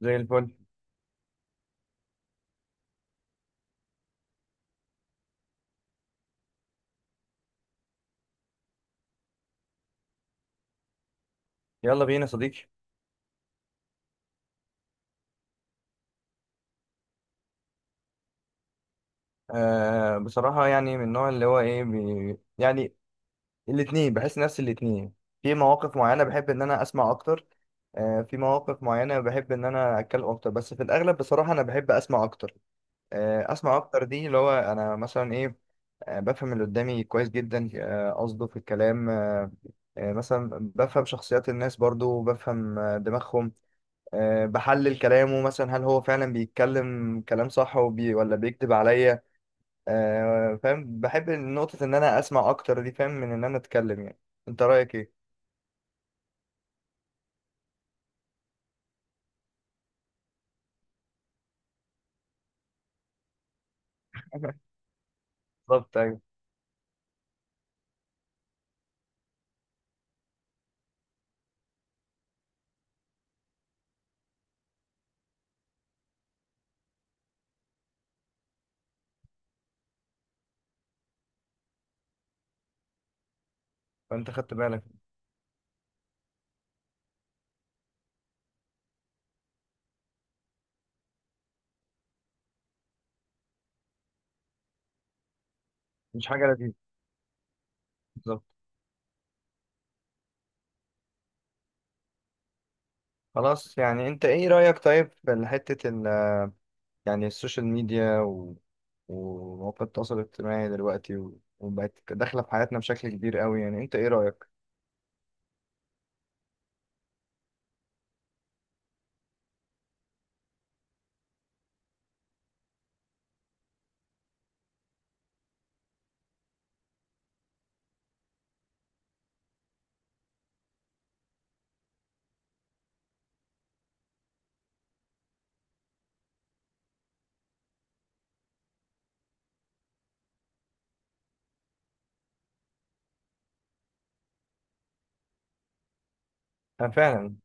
زي الفل. يلا بينا يا صديقي. آه، بصراحة يعني من النوع اللي هو بي يعني. الاتنين، بحس نفس الاتنين. في مواقف معينة بحب ان انا اسمع اكتر، آه، في مواقف معينة بحب ان انا اتكلم اكتر، بس في الاغلب بصراحة انا بحب اسمع اكتر. آه، اسمع اكتر دي اللي هو انا مثلا آه، بفهم اللي قدامي كويس جدا، قصده في الكلام. مثلا بفهم شخصيات الناس، برضو بفهم دماغهم. بحلل كلامه مثلا، هل هو فعلا بيتكلم كلام صح وبي ولا بيكذب عليا؟ فاهم؟ بحب نقطة إن أنا أسمع أكتر دي، فاهم، من إن أنا أتكلم يعني. أنت رأيك إيه؟ بالظبط، أيوه. فأنت خدت بالك. مش حاجة لذيذة. بالظبط. خلاص، يعني أنت إيه رأيك طيب في حتة ال يعني السوشيال ميديا ومواقع التواصل الاجتماعي دلوقتي وبقت داخلة في حياتنا بشكل كبير قوي؟ يعني أنت إيه رأيك؟ أنا فعلا.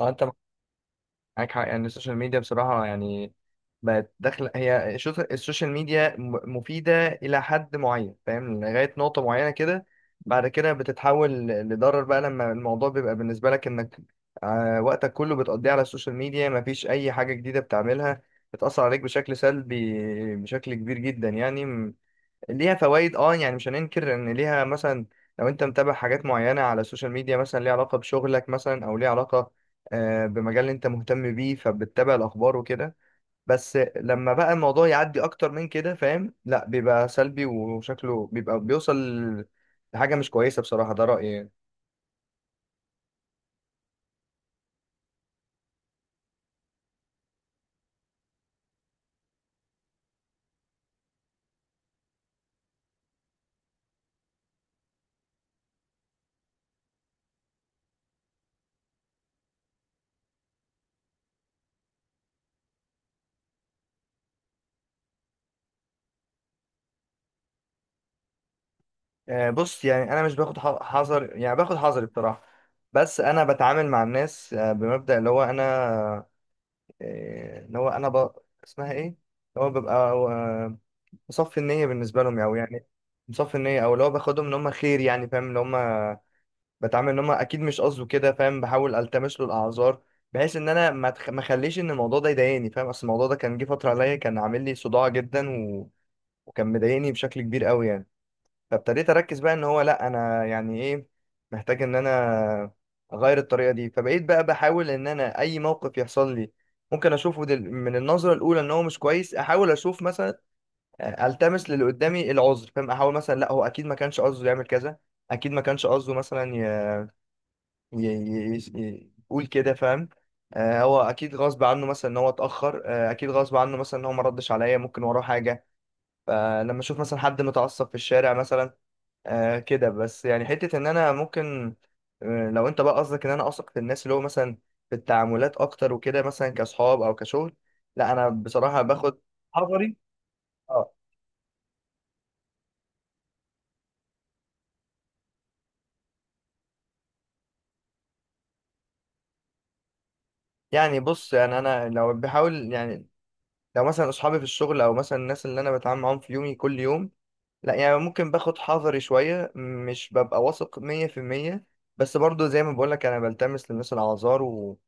أه، أنت معاك حق. يعني السوشيال ميديا بصراحة يعني بقت داخلة، هي السوشيال ميديا مفيدة إلى حد معين، فاهم، لغاية نقطة معينة كده، بعد كده بتتحول لضرر بقى، لما الموضوع بيبقى بالنسبة لك إنك وقتك كله بتقضيه على السوشيال ميديا، مفيش أي حاجة جديدة بتعملها، بتأثر عليك بشكل سلبي، بشكل كبير جدا يعني. ليها فوائد، اه، يعني مش هننكر ان ليها، مثلا لو انت متابع حاجات معينه على السوشيال ميديا مثلا ليها علاقه بشغلك، مثلا او ليها علاقه بمجال انت مهتم بيه، فبتتابع الاخبار وكده. بس لما بقى الموضوع يعدي اكتر من كده، فاهم، لا، بيبقى سلبي، وشكله بيبقى بيوصل لحاجه مش كويسه بصراحه. ده رايي يعني. بص يعني انا مش باخد حذر، يعني باخد حذري بصراحه. بس انا بتعامل مع الناس بمبدأ اللي هو انا، آه، اللي هو انا ب... اسمها ايه اللي هو ببقى مصفي النية بالنسبة لهم يعني، أو يعني مصفي النية، أو اللي هو باخدهم إن هم خير، يعني فاهم، اللي هم بتعامل إن هم أكيد مش قصده كده، فاهم، بحاول ألتمس له الأعذار، بحيث إن أنا ما أخليش إن الموضوع ده يضايقني، فاهم. أصل الموضوع ده كان جه فترة عليا كان عامل لي صداع جدا، وكان مضايقني بشكل كبير قوي يعني. فابتديت أركز بقى إن هو لأ، أنا يعني إيه، محتاج إن أنا أغير الطريقة دي. فبقيت بقى بحاول إن أنا أي موقف يحصل لي ممكن أشوفه من النظرة الأولى إن هو مش كويس، أحاول أشوف مثلا التمس للي قدامي العذر، فاهم، احاول مثلا لا، هو اكيد ما كانش قصده يعمل كذا، اكيد ما كانش قصده مثلا يقول كده، فاهم. آه هو اكيد غصب عنه مثلا ان هو اتاخر، آه اكيد غصب عنه مثلا ان هو ما ردش عليا، ممكن وراه حاجه. فلما اشوف مثلا حد متعصب في الشارع مثلا، آه كده، بس يعني حته ان انا ممكن. لو انت بقى قصدك ان انا اثق في الناس، اللي هو مثلا في التعاملات اكتر وكده، مثلا كاصحاب او كشغل، لا انا بصراحه باخد حذري، اه. يعني بص، يعني انا لو بحاول يعني، لو مثلا اصحابي في الشغل او مثلا الناس اللي انا بتعامل معاهم في يومي كل يوم، لا يعني ممكن باخد حذري شوية، مش ببقى واثق مية في المية. بس برضو زي ما بقولك انا بلتمس للناس الاعذار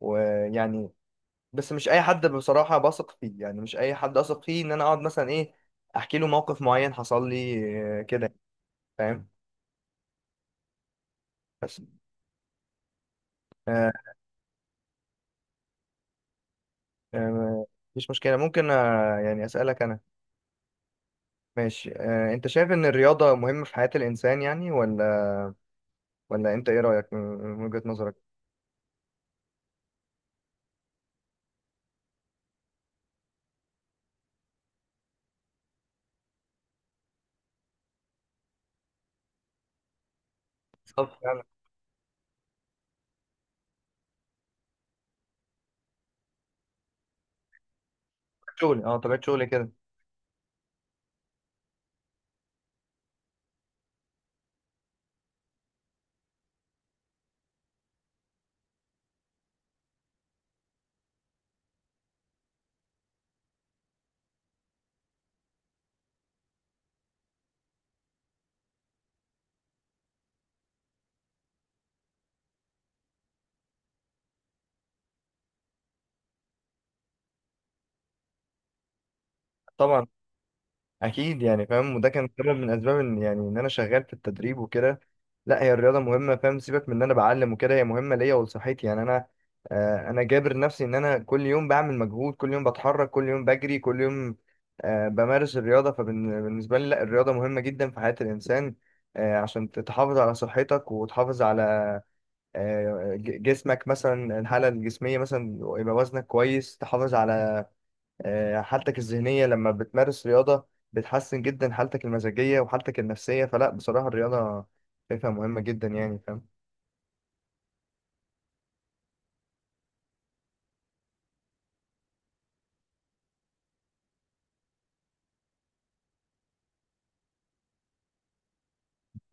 ويعني، بس مش اي حد بصراحة بثق فيه، يعني مش اي حد اثق فيه ان انا اقعد مثلا احكي له موقف معين حصل لي، آه كده فاهم. بس آه، آه، مفيش مشكلة، ممكن يعني اسألك. ماشي. انت شايف ان الرياضة مهمة في حياة الانسان يعني، ولا ولا انت ايه رأيك؟ من وجهة نظرك؟ طب يعني طبيعة شغلي، اه، طبيعة شغلي كده. طبعا، اكيد يعني فاهم، وده كان سبب من اسباب ان يعني ان انا شغال في التدريب وكده. لا، هي الرياضة مهمة، فاهم، سيبك من ان انا بعلم وكده، هي مهمة ليا ولصحتي يعني. انا انا جابر نفسي ان انا كل يوم بعمل مجهود، كل يوم بتحرك، كل يوم بجري، كل يوم بمارس الرياضة. فبالنسبة لي لا، الرياضة مهمة جدا في حياة الانسان، عشان تحافظ على صحتك، وتحافظ على جسمك، مثلا الحالة الجسمية، مثلا يبقى وزنك كويس، تحافظ على حالتك الذهنية. لما بتمارس رياضة بتحسن جدا حالتك المزاجية وحالتك النفسية. فلا بصراحة الرياضة شايفها مهمة جدا يعني، فاهم.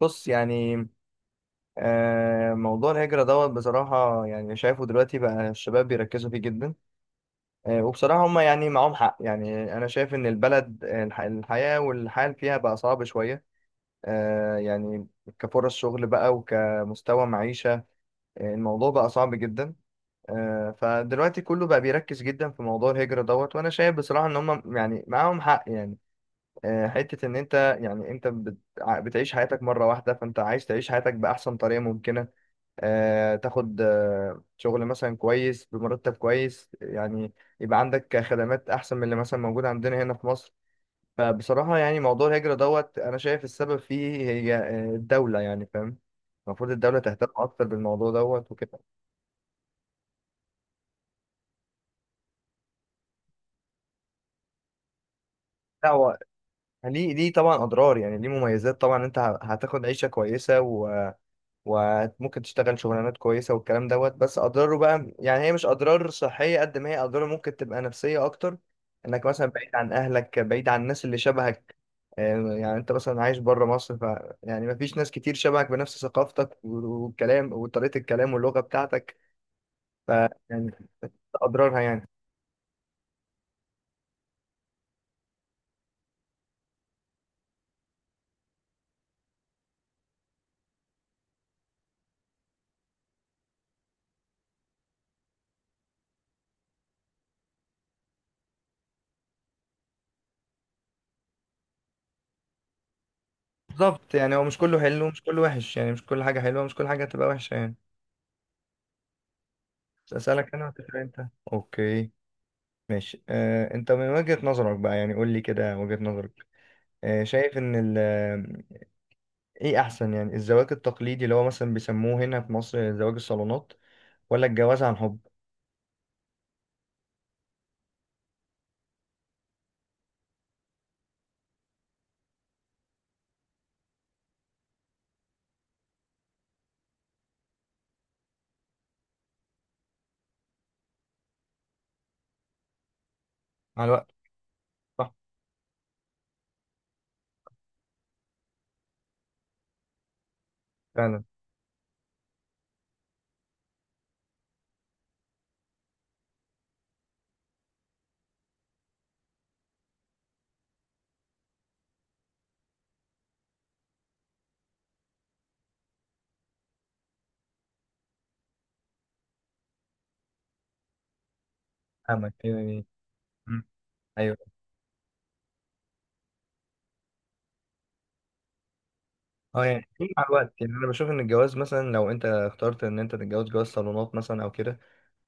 بص يعني موضوع الهجرة دوت بصراحة يعني، شايفه دلوقتي بقى الشباب بيركزوا فيه جدا، وبصراحة هما يعني معاهم حق. يعني أنا شايف إن البلد، الحياة والحال فيها بقى صعب شوية، يعني كفرص شغل بقى وكمستوى معيشة، الموضوع بقى صعب جدا. فدلوقتي كله بقى بيركز جدا في موضوع الهجرة دوت، وانا شايف بصراحة ان هم يعني معاهم حق يعني، حتة ان انت، يعني انت بتعيش حياتك مرة واحدة، فانت عايز تعيش حياتك بأحسن طريقة ممكنة، تاخد شغل مثلا كويس بمرتب كويس يعني، يبقى عندك خدمات احسن من اللي مثلا موجودة عندنا هنا في مصر. فبصراحة يعني موضوع الهجرة دوت انا شايف السبب فيه هي الدولة يعني، فاهم، المفروض الدولة تهتم أكتر بالموضوع دوت وكده. لا، يعني ليه، ليه طبعا اضرار، يعني ليه مميزات طبعا، انت هتاخد عيشه كويسه وممكن تشتغل شغلانات كويسه والكلام دوت، بس اضراره بقى، يعني هي مش اضرار صحيه قد ما هي اضرار ممكن تبقى نفسيه اكتر، انك مثلا بعيد عن اهلك، بعيد عن الناس اللي شبهك. يعني انت مثلا عايش بره مصر، ف يعني مفيش ناس كتير شبهك بنفس ثقافتك والكلام وطريقه الكلام واللغه بتاعتك، ف يعني اضرارها يعني. بالظبط، يعني هو مش كله حلو ومش كله وحش، يعني مش كل حاجه حلوه ومش كل حاجه هتبقى وحشه يعني. أسألك أنا وتسأل أنت. أوكي، ماشي. أنت من وجهة نظرك بقى، يعني قول لي كده وجهة نظرك، شايف إن ال آه، إيه أحسن؟ يعني الزواج التقليدي اللي هو مثلا بيسموه هنا في مصر زواج الصالونات، ولا الجواز عن حب؟ مع الوقت. صح. فعلا. فاهمك يعني. مم. أيوه. أه يعني إيه مع الوقت، يعني أنا بشوف إن الجواز مثلا لو أنت اخترت إن أنت تتجوز جواز صالونات مثلا أو كده،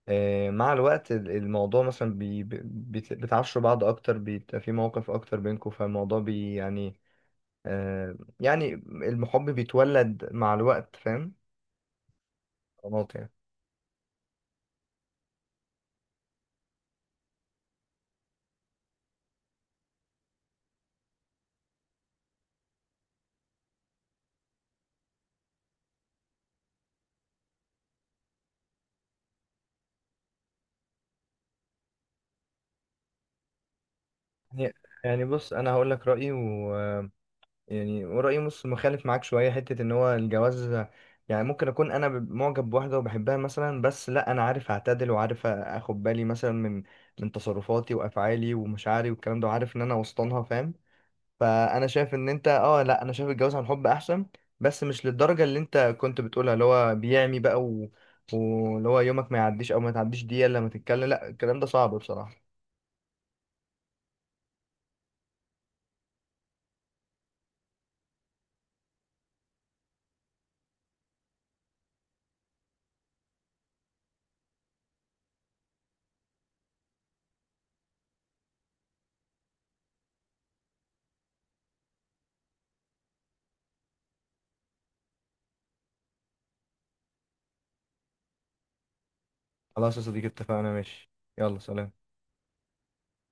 مع الوقت الموضوع مثلا بتعشوا بعض أكتر، بيبقى في مواقف أكتر بينكم، فالموضوع بي يعني، يعني المحب بيتولد مع الوقت، فاهم، غلط يعني يعني بص، انا هقول لك رايي و آه، يعني ورايي، بص مخالف معاك شويه، حته ان هو الجواز، يعني ممكن اكون انا معجب بواحده وبحبها مثلا، بس لا، انا عارف اعتدل وعارف اخد بالي مثلا من تصرفاتي وافعالي ومشاعري والكلام ده، وعارف ان انا وسطنها فاهم. فانا شايف ان انت، اه لا، انا شايف الجواز عن حب احسن، بس مش للدرجه اللي انت كنت بتقولها اللي هو بيعمي بقى واللي هو يومك ما يعديش او ما تعديش دقيقه إلا لما تتكلم، لا، الكلام ده صعب بصراحه. خلاص يا صديقي، اتفقنا، ماشي. يلا، سلام.